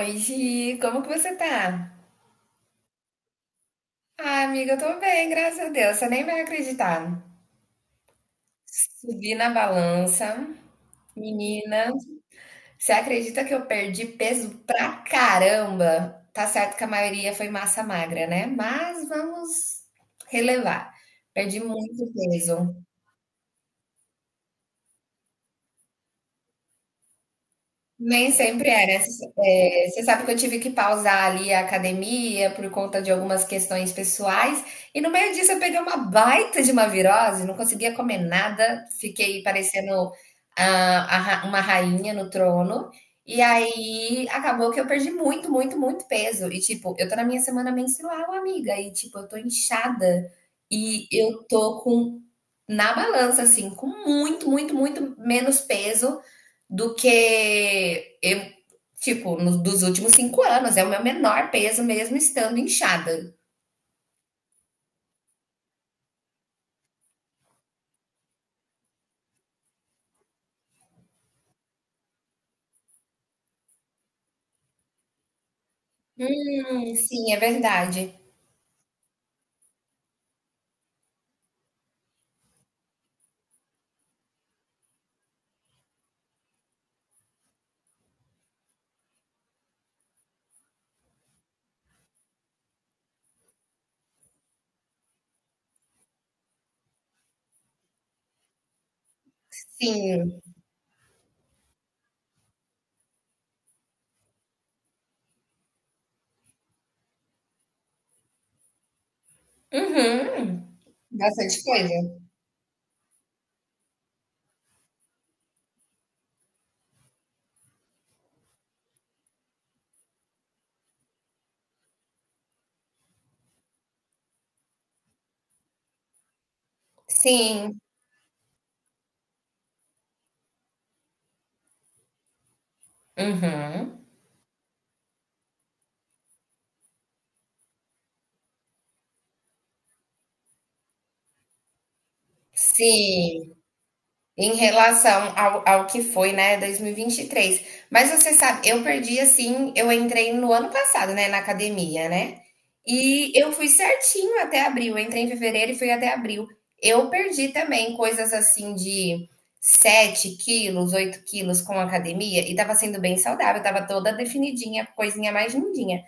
Oi, Gi, como que você tá? Ah, amiga, eu tô bem, graças a Deus. Você nem vai acreditar. Subi na balança, menina. Você acredita que eu perdi peso pra caramba? Tá certo que a maioria foi massa magra, né? Mas vamos relevar. Perdi muito peso. Nem sempre era. Você sabe que eu tive que pausar ali a academia por conta de algumas questões pessoais. E no meio disso eu peguei uma baita de uma virose, não conseguia comer nada, fiquei parecendo uma rainha no trono. E aí acabou que eu perdi muito, muito, muito peso. E tipo, eu tô na minha semana menstrual, amiga. E tipo, eu tô inchada. E eu tô com, na balança, assim, com muito, muito, muito menos peso do que eu, tipo, nos dos últimos 5 anos. É o meu menor peso mesmo estando inchada. Sim, é verdade. Sim. Uhum. Bastante coisa. Sim. Uhum. Sim. Em relação ao que foi, né, dois mil e vinte e três. Mas você sabe, eu perdi assim, eu entrei no ano passado, né, na academia, né? E eu fui certinho até abril. Eu entrei em fevereiro e fui até abril. Eu perdi também coisas assim de 7 quilos, 8 quilos com academia e tava sendo bem saudável, tava toda definidinha, coisinha mais lindinha.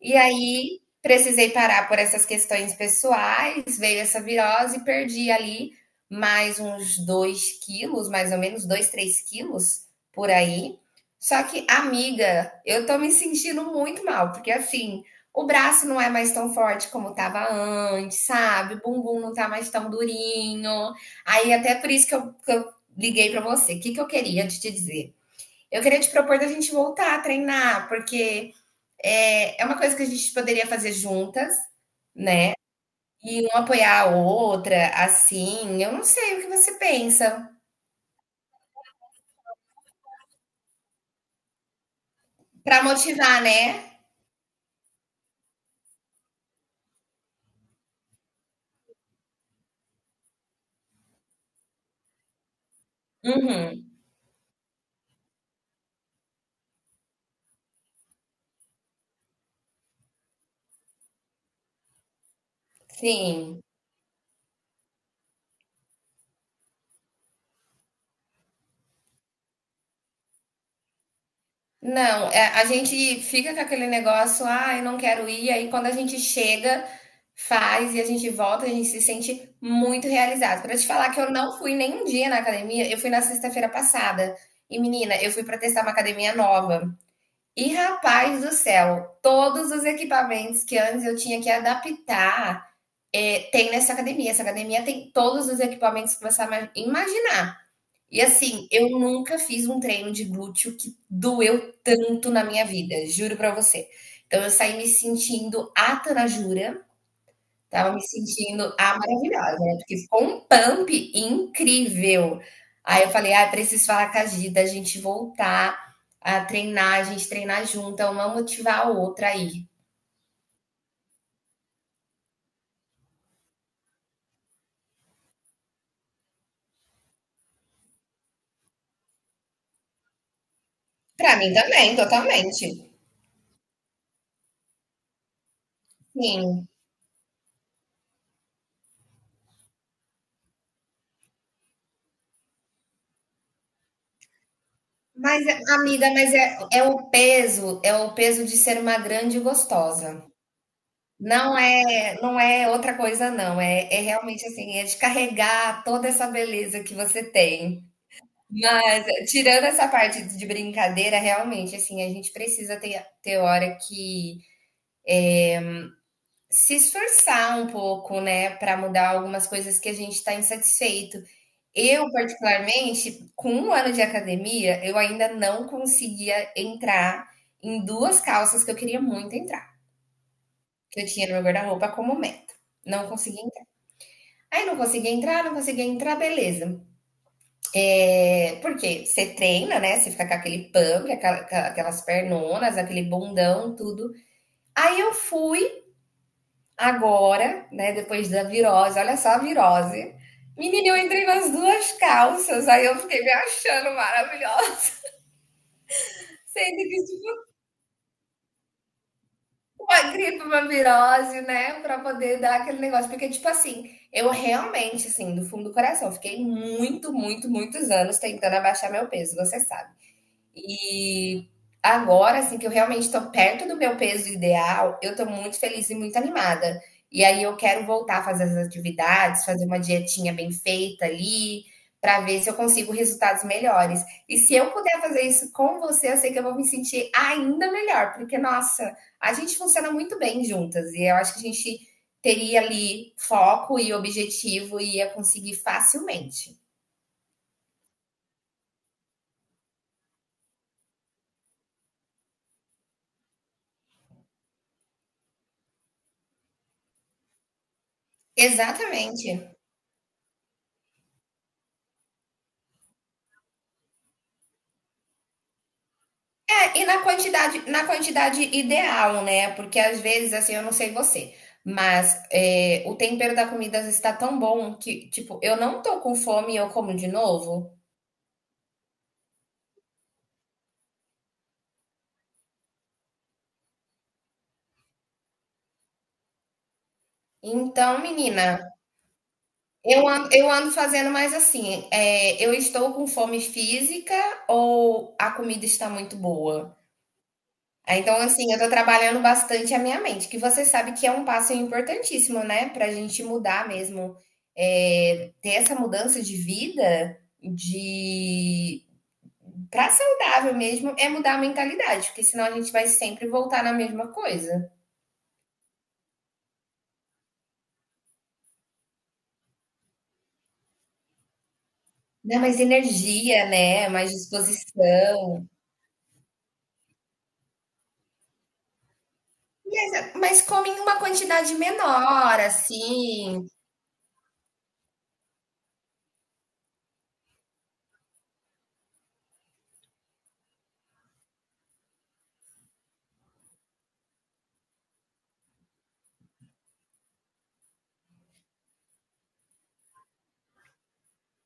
E aí precisei parar por essas questões pessoais, veio essa virose e perdi ali mais uns 2 quilos, mais ou menos 2, 3 quilos por aí. Só que, amiga, eu tô me sentindo muito mal, porque assim, o braço não é mais tão forte como tava antes, sabe? O bumbum não tá mais tão durinho. Aí, até por isso que que eu liguei pra você. O que, que eu queria te dizer? Eu queria te propor da gente voltar a treinar, porque é uma coisa que a gente poderia fazer juntas e um apoiar a outra, assim. Eu não sei o que você pensa. Pra motivar, né? Uhum. Sim. Não, é, a gente fica com aquele negócio, ah, eu não quero ir. Aí quando a gente chega, faz e a gente volta, a gente se sente muito realizado. Pra te falar que eu não fui nem um dia na academia, eu fui na sexta-feira passada. E menina, eu fui pra testar uma academia nova. E rapaz do céu, todos os equipamentos que antes eu tinha que adaptar, tem nessa academia. Essa academia tem todos os equipamentos que você imaginar. E assim, eu nunca fiz um treino de glúteo que doeu tanto na minha vida, juro pra você. Então eu saí me sentindo a Tanajura, tava me sentindo maravilhosa, né, porque ficou um pump incrível. Aí eu falei: "Ah, preciso falar com a Gi da gente voltar a treinar, a gente treinar junta, uma motivar a outra aí". Pra mim também, totalmente. Sim, mas é amiga, mas é o peso é o peso de ser uma grande gostosa. Não é não é outra coisa não, é realmente, assim, é de carregar toda essa beleza que você tem. Mas, tirando essa parte de brincadeira, realmente, assim, a gente precisa ter hora que se esforçar um pouco, né, para mudar algumas coisas que a gente está insatisfeito. Eu, particularmente, com um ano de academia, eu ainda não conseguia entrar em duas calças que eu queria muito entrar, que eu tinha no meu guarda-roupa como meta. Não conseguia entrar. Aí não conseguia entrar, não conseguia entrar, beleza. É, porque você treina, né? Você fica com aquele pump, aquelas pernonas, aquele bundão, tudo. Aí eu fui agora, né? Depois da virose, olha só a virose. Menina, eu entrei nas duas calças, aí eu fiquei me achando maravilhosa. Sendo que isso uma gripe, uma virose, né? Pra poder dar aquele negócio. Porque, tipo assim, eu realmente, assim, do fundo do coração, fiquei muito, muito, muitos anos tentando abaixar meu peso, você sabe. E agora, assim, que eu realmente estou perto do meu peso ideal, eu estou muito feliz e muito animada. E aí eu quero voltar a fazer as atividades, fazer uma dietinha bem feita ali, para ver se eu consigo resultados melhores. E se eu puder fazer isso com você, eu sei que eu vou me sentir ainda melhor, porque, nossa, a gente funciona muito bem juntas. E eu acho que a gente teria ali foco e objetivo e ia conseguir facilmente. Exatamente. E na quantidade ideal, né? Porque às vezes, assim, eu não sei você, mas é, o tempero da comida às vezes tá tão bom que, tipo, eu não tô com fome e eu como de novo. Então, menina, eu ando fazendo mais assim, é, eu estou com fome física ou a comida está muito boa? É, então, assim, eu tô trabalhando bastante a minha mente, que você sabe que é um passo importantíssimo, né? Pra gente mudar mesmo, é, ter essa mudança de vida, de pra saudável mesmo, é mudar a mentalidade, porque senão a gente vai sempre voltar na mesma coisa. Dá mais energia, né? Mais disposição. Mas come em uma quantidade menor, assim.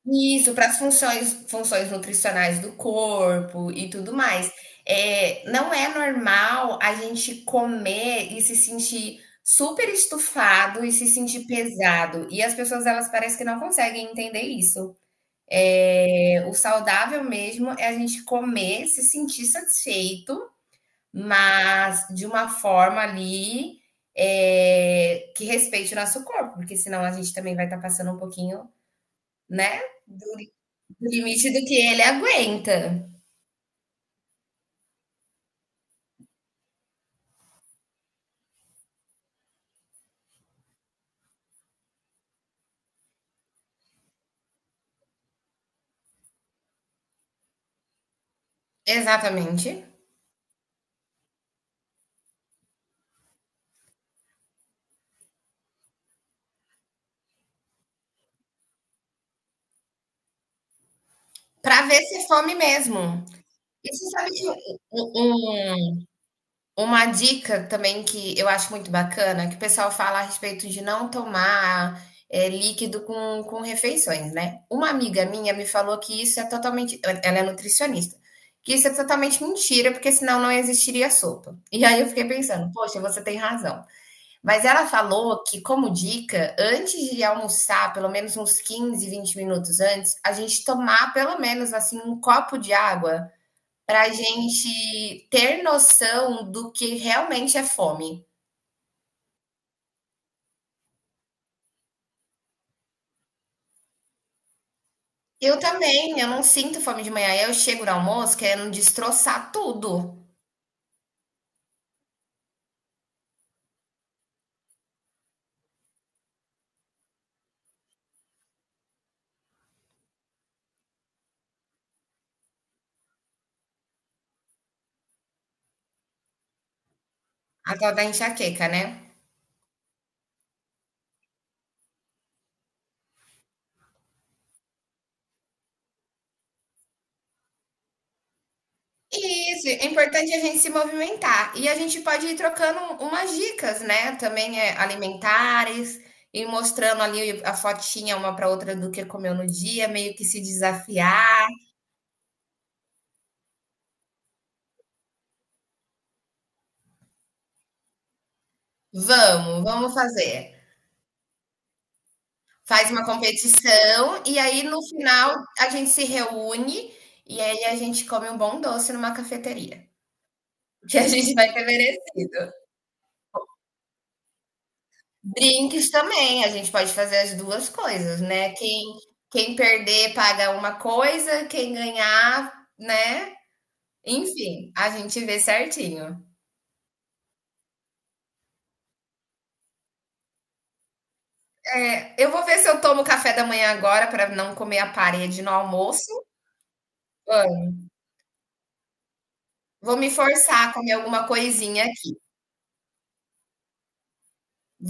Isso, para as funções nutricionais do corpo e tudo mais. É, não é normal a gente comer e se sentir super estufado e se sentir pesado. E as pessoas, elas parecem que não conseguem entender isso. É, o saudável mesmo é a gente comer, se sentir satisfeito, mas de uma forma ali, é, que respeite o nosso corpo, porque senão a gente também vai estar passando um pouquinho, né, no limite do que ele aguenta. Exatamente. Pra ver se é fome mesmo. E você sabe que um- um, uma dica também que eu acho muito bacana, que o pessoal fala a respeito de não tomar é, líquido com refeições, né? Uma amiga minha me falou que isso é totalmente. Ela é nutricionista. Que isso é totalmente mentira, porque senão não existiria sopa. E aí eu fiquei pensando, poxa, você tem razão. Mas ela falou que, como dica, antes de almoçar, pelo menos uns 15, 20 minutos antes, a gente tomar pelo menos assim um copo de água para a gente ter noção do que realmente é fome. Eu também, eu não sinto fome de manhã. Eu chego no almoço querendo destroçar tudo. A tal da enxaqueca, né? Isso, é importante a gente se movimentar. E a gente pode ir trocando umas dicas, né? Também é alimentares, e mostrando ali a fotinha uma para outra do que comeu no dia, meio que se desafiar. Vamos, vamos fazer. Faz uma competição e aí no final a gente se reúne e aí a gente come um bom doce numa cafeteria, que a gente vai ter merecido. Drinks também, a gente pode fazer as 2 coisas, né. Quem perder paga uma coisa, quem ganhar, né, enfim, a gente vê certinho. É, eu vou ver se eu tomo café da manhã agora para não comer a parede no almoço. Vamos, vou me forçar a comer alguma coisinha aqui.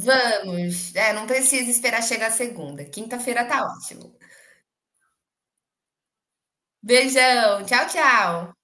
Vamos, é, não precisa esperar chegar segunda, quinta-feira tá ótimo. Beijão, tchau, tchau.